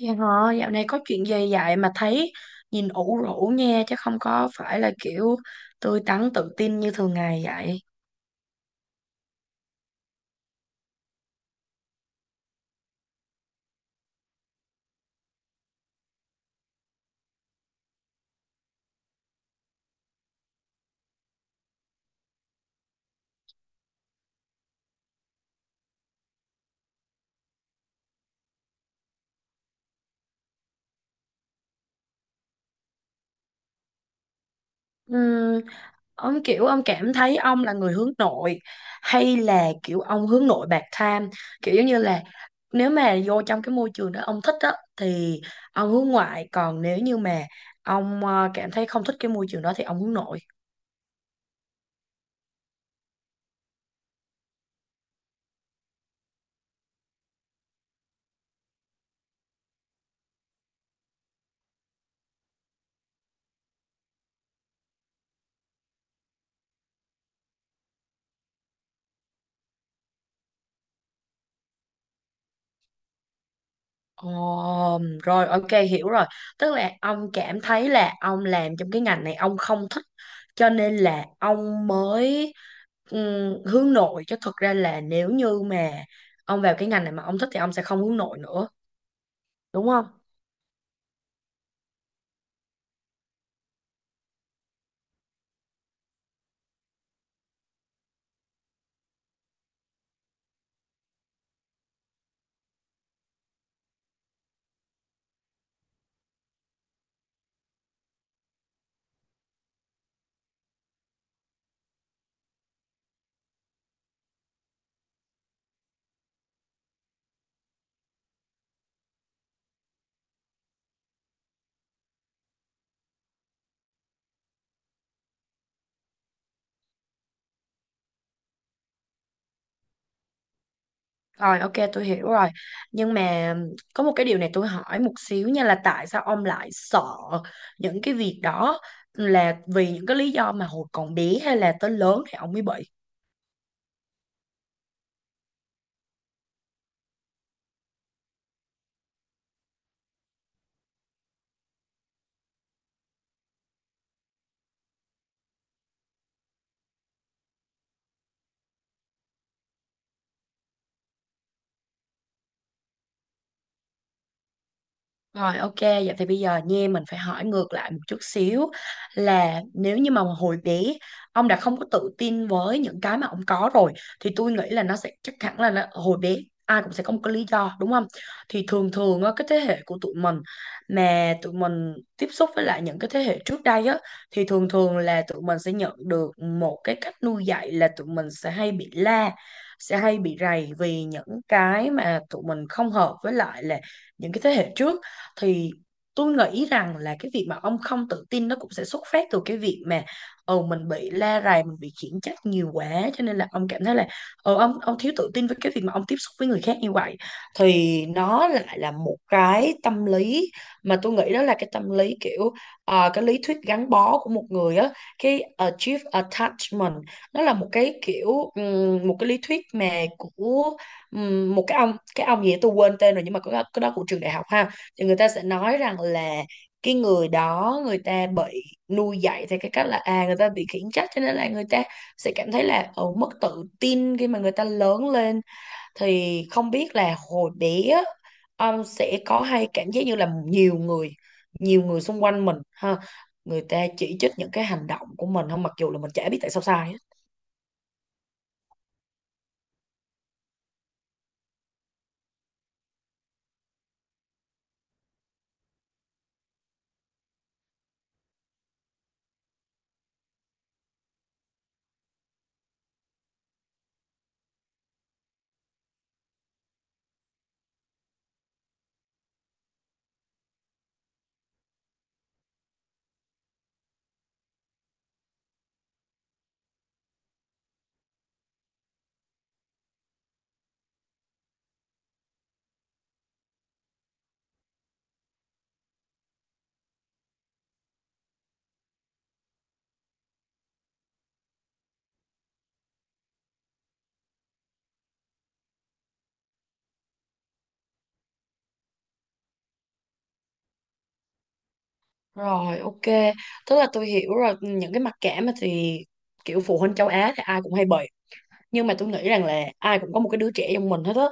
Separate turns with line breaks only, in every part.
Dạ hả, dạo này có chuyện gì vậy mà thấy nhìn ủ rũ nha, chứ không có phải là kiểu tươi tắn tự tin như thường ngày vậy. Ừm, ông kiểu ông cảm thấy ông là người hướng nội hay là kiểu ông hướng nội bạc tham, kiểu giống như là nếu mà vô trong cái môi trường đó ông thích á thì ông hướng ngoại, còn nếu như mà ông cảm thấy không thích cái môi trường đó thì ông hướng nội. Ồ, rồi ok hiểu rồi. Tức là ông cảm thấy là ông làm trong cái ngành này ông không thích cho nên là ông mới hướng nội, chứ thực ra là nếu như mà ông vào cái ngành này mà ông thích thì ông sẽ không hướng nội nữa, đúng không? Rồi ok tôi hiểu rồi. Nhưng mà có một cái điều này tôi hỏi một xíu nha, là tại sao ông lại sợ những cái việc đó, là vì những cái lý do mà hồi còn bé hay là tới lớn thì ông mới bị? Rồi ok, vậy thì bây giờ nha mình phải hỏi ngược lại một chút xíu, là nếu như mà hồi bé ông đã không có tự tin với những cái mà ông có rồi thì tôi nghĩ là nó sẽ chắc hẳn là nó, hồi bé ai cũng sẽ có một cái lý do, đúng không? Thì thường thường á, cái thế hệ của tụi mình mà tụi mình tiếp xúc với lại những cái thế hệ trước đây á thì thường thường là tụi mình sẽ nhận được một cái cách nuôi dạy là tụi mình sẽ hay bị la, sẽ hay bị rầy vì những cái mà tụi mình không hợp với lại là những cái thế hệ trước, thì tôi nghĩ rằng là cái việc mà ông không tự tin nó cũng sẽ xuất phát từ cái việc mà mình bị la rầy, mình bị khiển trách nhiều quá cho nên là ông cảm thấy là ông thiếu tự tin với cái việc mà ông tiếp xúc với người khác như vậy, thì nó lại là một cái tâm lý mà tôi nghĩ đó là cái tâm lý kiểu cái lý thuyết gắn bó của một người á, cái achieve attachment. Nó là một cái kiểu một cái lý thuyết mà của một cái ông gì đó tôi quên tên rồi, nhưng mà có cái đó của trường đại học ha. Thì người ta sẽ nói rằng là cái người đó người ta bị nuôi dạy theo cái cách là người ta bị khiển trách cho nên là người ta sẽ cảm thấy là mất tự tin khi mà người ta lớn lên. Thì không biết là hồi bé á, ông sẽ có hay cảm giác như là nhiều người xung quanh mình ha, người ta chỉ trích những cái hành động của mình không, mặc dù là mình chả biết tại sao sai hết. Rồi ok, tức là tôi hiểu rồi. Những cái mặc cảm á thì kiểu phụ huynh châu Á thì ai cũng hay bị, nhưng mà tôi nghĩ rằng là ai cũng có một cái đứa trẻ trong mình hết á,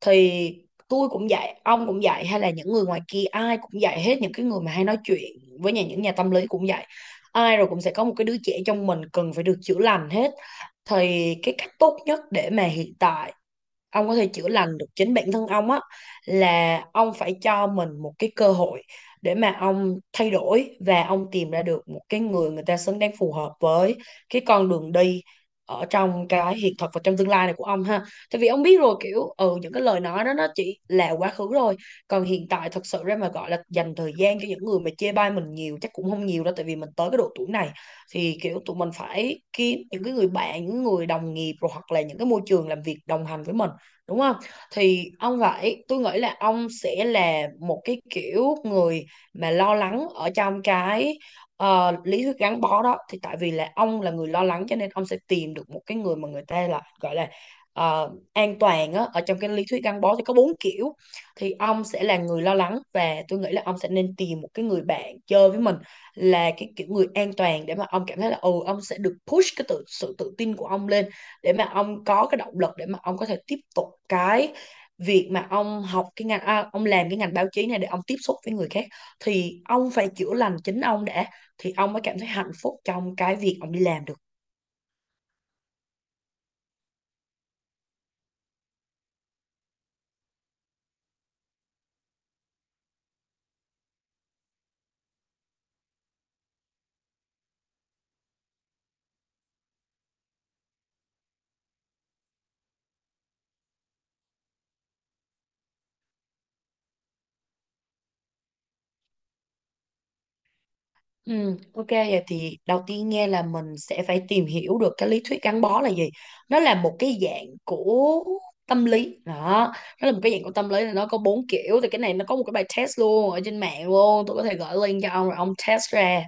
thì tôi cũng dạy, ông cũng dạy, hay là những người ngoài kia ai cũng dạy hết, những cái người mà hay nói chuyện với nhà, những nhà tâm lý cũng dạy, ai rồi cũng sẽ có một cái đứa trẻ trong mình cần phải được chữa lành hết. Thì cái cách tốt nhất để mà hiện tại ông có thể chữa lành được chính bản thân ông á là ông phải cho mình một cái cơ hội để mà ông thay đổi và ông tìm ra được một cái người, người ta xứng đáng phù hợp với cái con đường đi ở trong cái hiện thực và trong tương lai này của ông ha. Tại vì ông biết rồi, kiểu những cái lời nói đó nó chỉ là quá khứ rồi, còn hiện tại thật sự ra mà gọi là dành thời gian cho những người mà chê bai mình nhiều chắc cũng không nhiều đâu, tại vì mình tới cái độ tuổi này thì kiểu tụi mình phải kiếm những cái người bạn, những người đồng nghiệp rồi, hoặc là những cái môi trường làm việc đồng hành với mình, đúng không? Thì ông phải, tôi nghĩ là ông sẽ là một cái kiểu người mà lo lắng ở trong cái lý thuyết gắn bó đó. Thì tại vì là ông là người lo lắng cho nên ông sẽ tìm được một cái người mà người ta là gọi là an toàn á, ở trong cái lý thuyết gắn bó thì có bốn kiểu. Thì ông sẽ là người lo lắng và tôi nghĩ là ông sẽ nên tìm một cái người bạn chơi với mình là cái kiểu người an toàn, để mà ông cảm thấy là ông sẽ được push cái tự, sự tự tin của ông lên, để mà ông có cái động lực để mà ông có thể tiếp tục cái việc mà ông học cái ngành, à, ông làm cái ngành báo chí này để ông tiếp xúc với người khác. Thì ông phải chữa lành chính ông đã thì ông mới cảm thấy hạnh phúc trong cái việc ông đi làm được. Ừ, ok, vậy thì đầu tiên nghe là mình sẽ phải tìm hiểu được cái lý thuyết gắn bó là gì. Nó là một cái dạng của tâm lý đó, nó là một cái dạng của tâm lý là nó có bốn kiểu. Thì cái này nó có một cái bài test luôn ở trên mạng luôn, tôi có thể gửi link cho ông rồi ông test ra.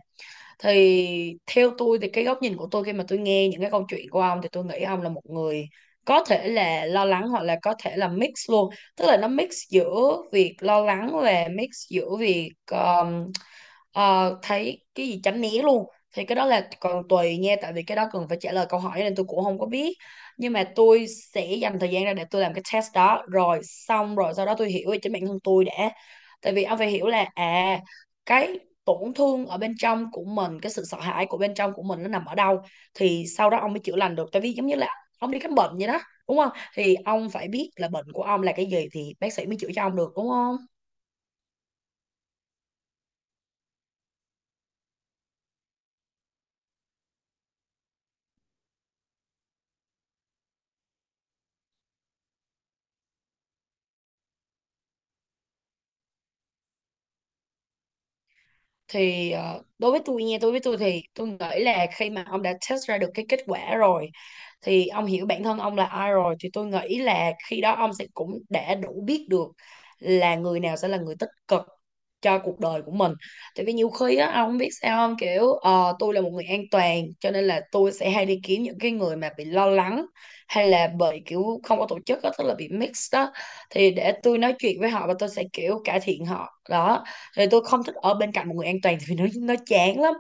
Thì theo tôi thì cái góc nhìn của tôi khi mà tôi nghe những cái câu chuyện của ông thì tôi nghĩ ông là một người có thể là lo lắng hoặc là có thể là mix luôn, tức là nó mix giữa việc lo lắng và mix giữa việc Ờ, thấy cái gì tránh né luôn. Thì cái đó là còn tùy nha, tại vì cái đó cần phải trả lời câu hỏi nên tôi cũng không có biết, nhưng mà tôi sẽ dành thời gian ra để tôi làm cái test đó rồi xong rồi sau đó tôi hiểu về chính bản thân tôi đã. Tại vì ông phải hiểu là cái tổn thương ở bên trong của mình, cái sự sợ hãi của bên trong của mình nó nằm ở đâu, thì sau đó ông mới chữa lành được. Tại vì giống như là ông đi khám bệnh vậy đó, đúng không? Thì ông phải biết là bệnh của ông là cái gì thì bác sĩ mới chữa cho ông được, đúng không? Thì đối với tôi nha, đối với tôi thì tôi nghĩ là khi mà ông đã test ra được cái kết quả rồi thì ông hiểu bản thân ông là ai rồi, thì tôi nghĩ là khi đó ông sẽ cũng đã đủ biết được là người nào sẽ là người tích cực cho cuộc đời của mình. Tại vì nhiều khi á ông không biết sao không, kiểu tôi là một người an toàn cho nên là tôi sẽ hay đi kiếm những cái người mà bị lo lắng hay là bị kiểu không có tổ chức á, tức là bị mix đó, thì để tôi nói chuyện với họ và tôi sẽ kiểu cải thiện họ đó. Thì tôi không thích ở bên cạnh một người an toàn vì nó chán lắm,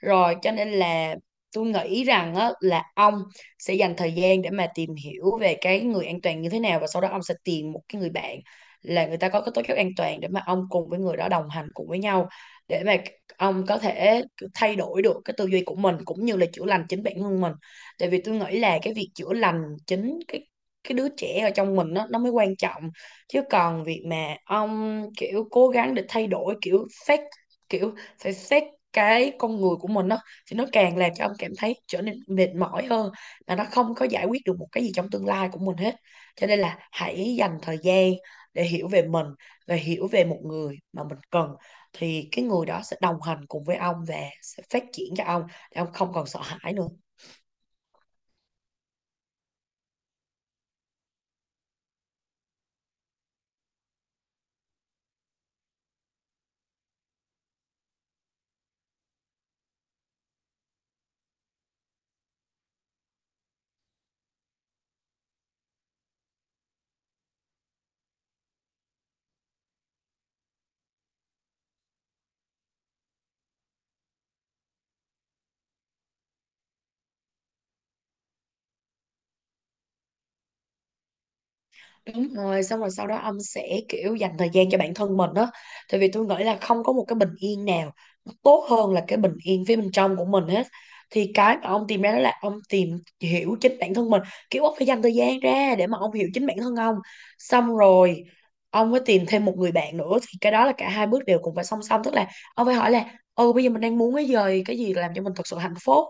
rồi cho nên là tôi nghĩ rằng á, là ông sẽ dành thời gian để mà tìm hiểu về cái người an toàn như thế nào và sau đó ông sẽ tìm một cái người bạn là người ta có cái tố chất an toàn để mà ông cùng với người đó đồng hành cùng với nhau, để mà ông có thể thay đổi được cái tư duy của mình cũng như là chữa lành chính bản thân mình. Tại vì tôi nghĩ là cái việc chữa lành chính cái đứa trẻ ở trong mình nó mới quan trọng, chứ còn việc mà ông kiểu cố gắng để thay đổi kiểu xét, kiểu phải xét cái con người của mình đó thì nó càng làm cho ông cảm thấy trở nên mệt mỏi hơn mà nó không có giải quyết được một cái gì trong tương lai của mình hết. Cho nên là hãy dành thời gian để hiểu về mình và hiểu về một người mà mình cần, thì cái người đó sẽ đồng hành cùng với ông và sẽ phát triển cho ông để ông không còn sợ hãi nữa. Đúng rồi, xong rồi sau đó ông sẽ kiểu dành thời gian cho bản thân mình đó. Tại vì tôi nghĩ là không có một cái bình yên nào nó tốt hơn là cái bình yên phía bên trong của mình hết. Thì cái mà ông tìm ra đó là ông tìm hiểu chính bản thân mình. Kiểu ông phải dành thời gian ra để mà ông hiểu chính bản thân ông. Xong rồi ông mới tìm thêm một người bạn nữa. Thì cái đó là cả hai bước đều cùng phải song song. Tức là ông phải hỏi là bây giờ mình đang muốn cái gì làm cho mình thật sự hạnh phúc.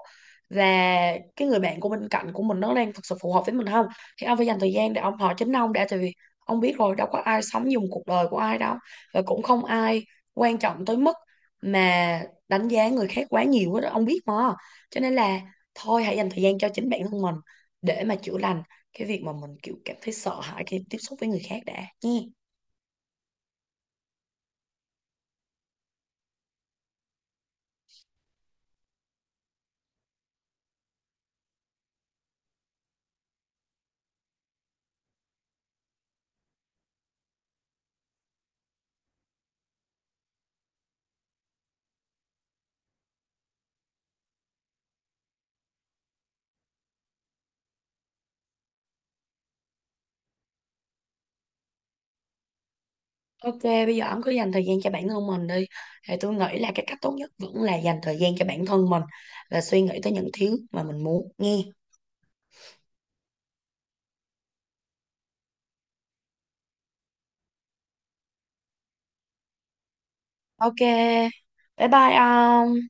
Và cái người bạn của bên cạnh của mình nó đang thật sự phù hợp với mình không? Thì ông phải dành thời gian để ông hỏi chính ông đã, tại vì ông biết rồi, đâu có ai sống dùng cuộc đời của ai đâu, và cũng không ai quan trọng tới mức mà đánh giá người khác quá nhiều hết đó, ông biết mà. Cho nên là thôi hãy dành thời gian cho chính bản thân mình để mà chữa lành cái việc mà mình kiểu cảm thấy sợ hãi khi tiếp xúc với người khác đã nha. Ok, bây giờ ông cứ dành thời gian cho bản thân mình đi. Thì tôi nghĩ là cái cách tốt nhất vẫn là dành thời gian cho bản thân mình và suy nghĩ tới những thứ mà mình muốn nghe. Ok, bye bye ông.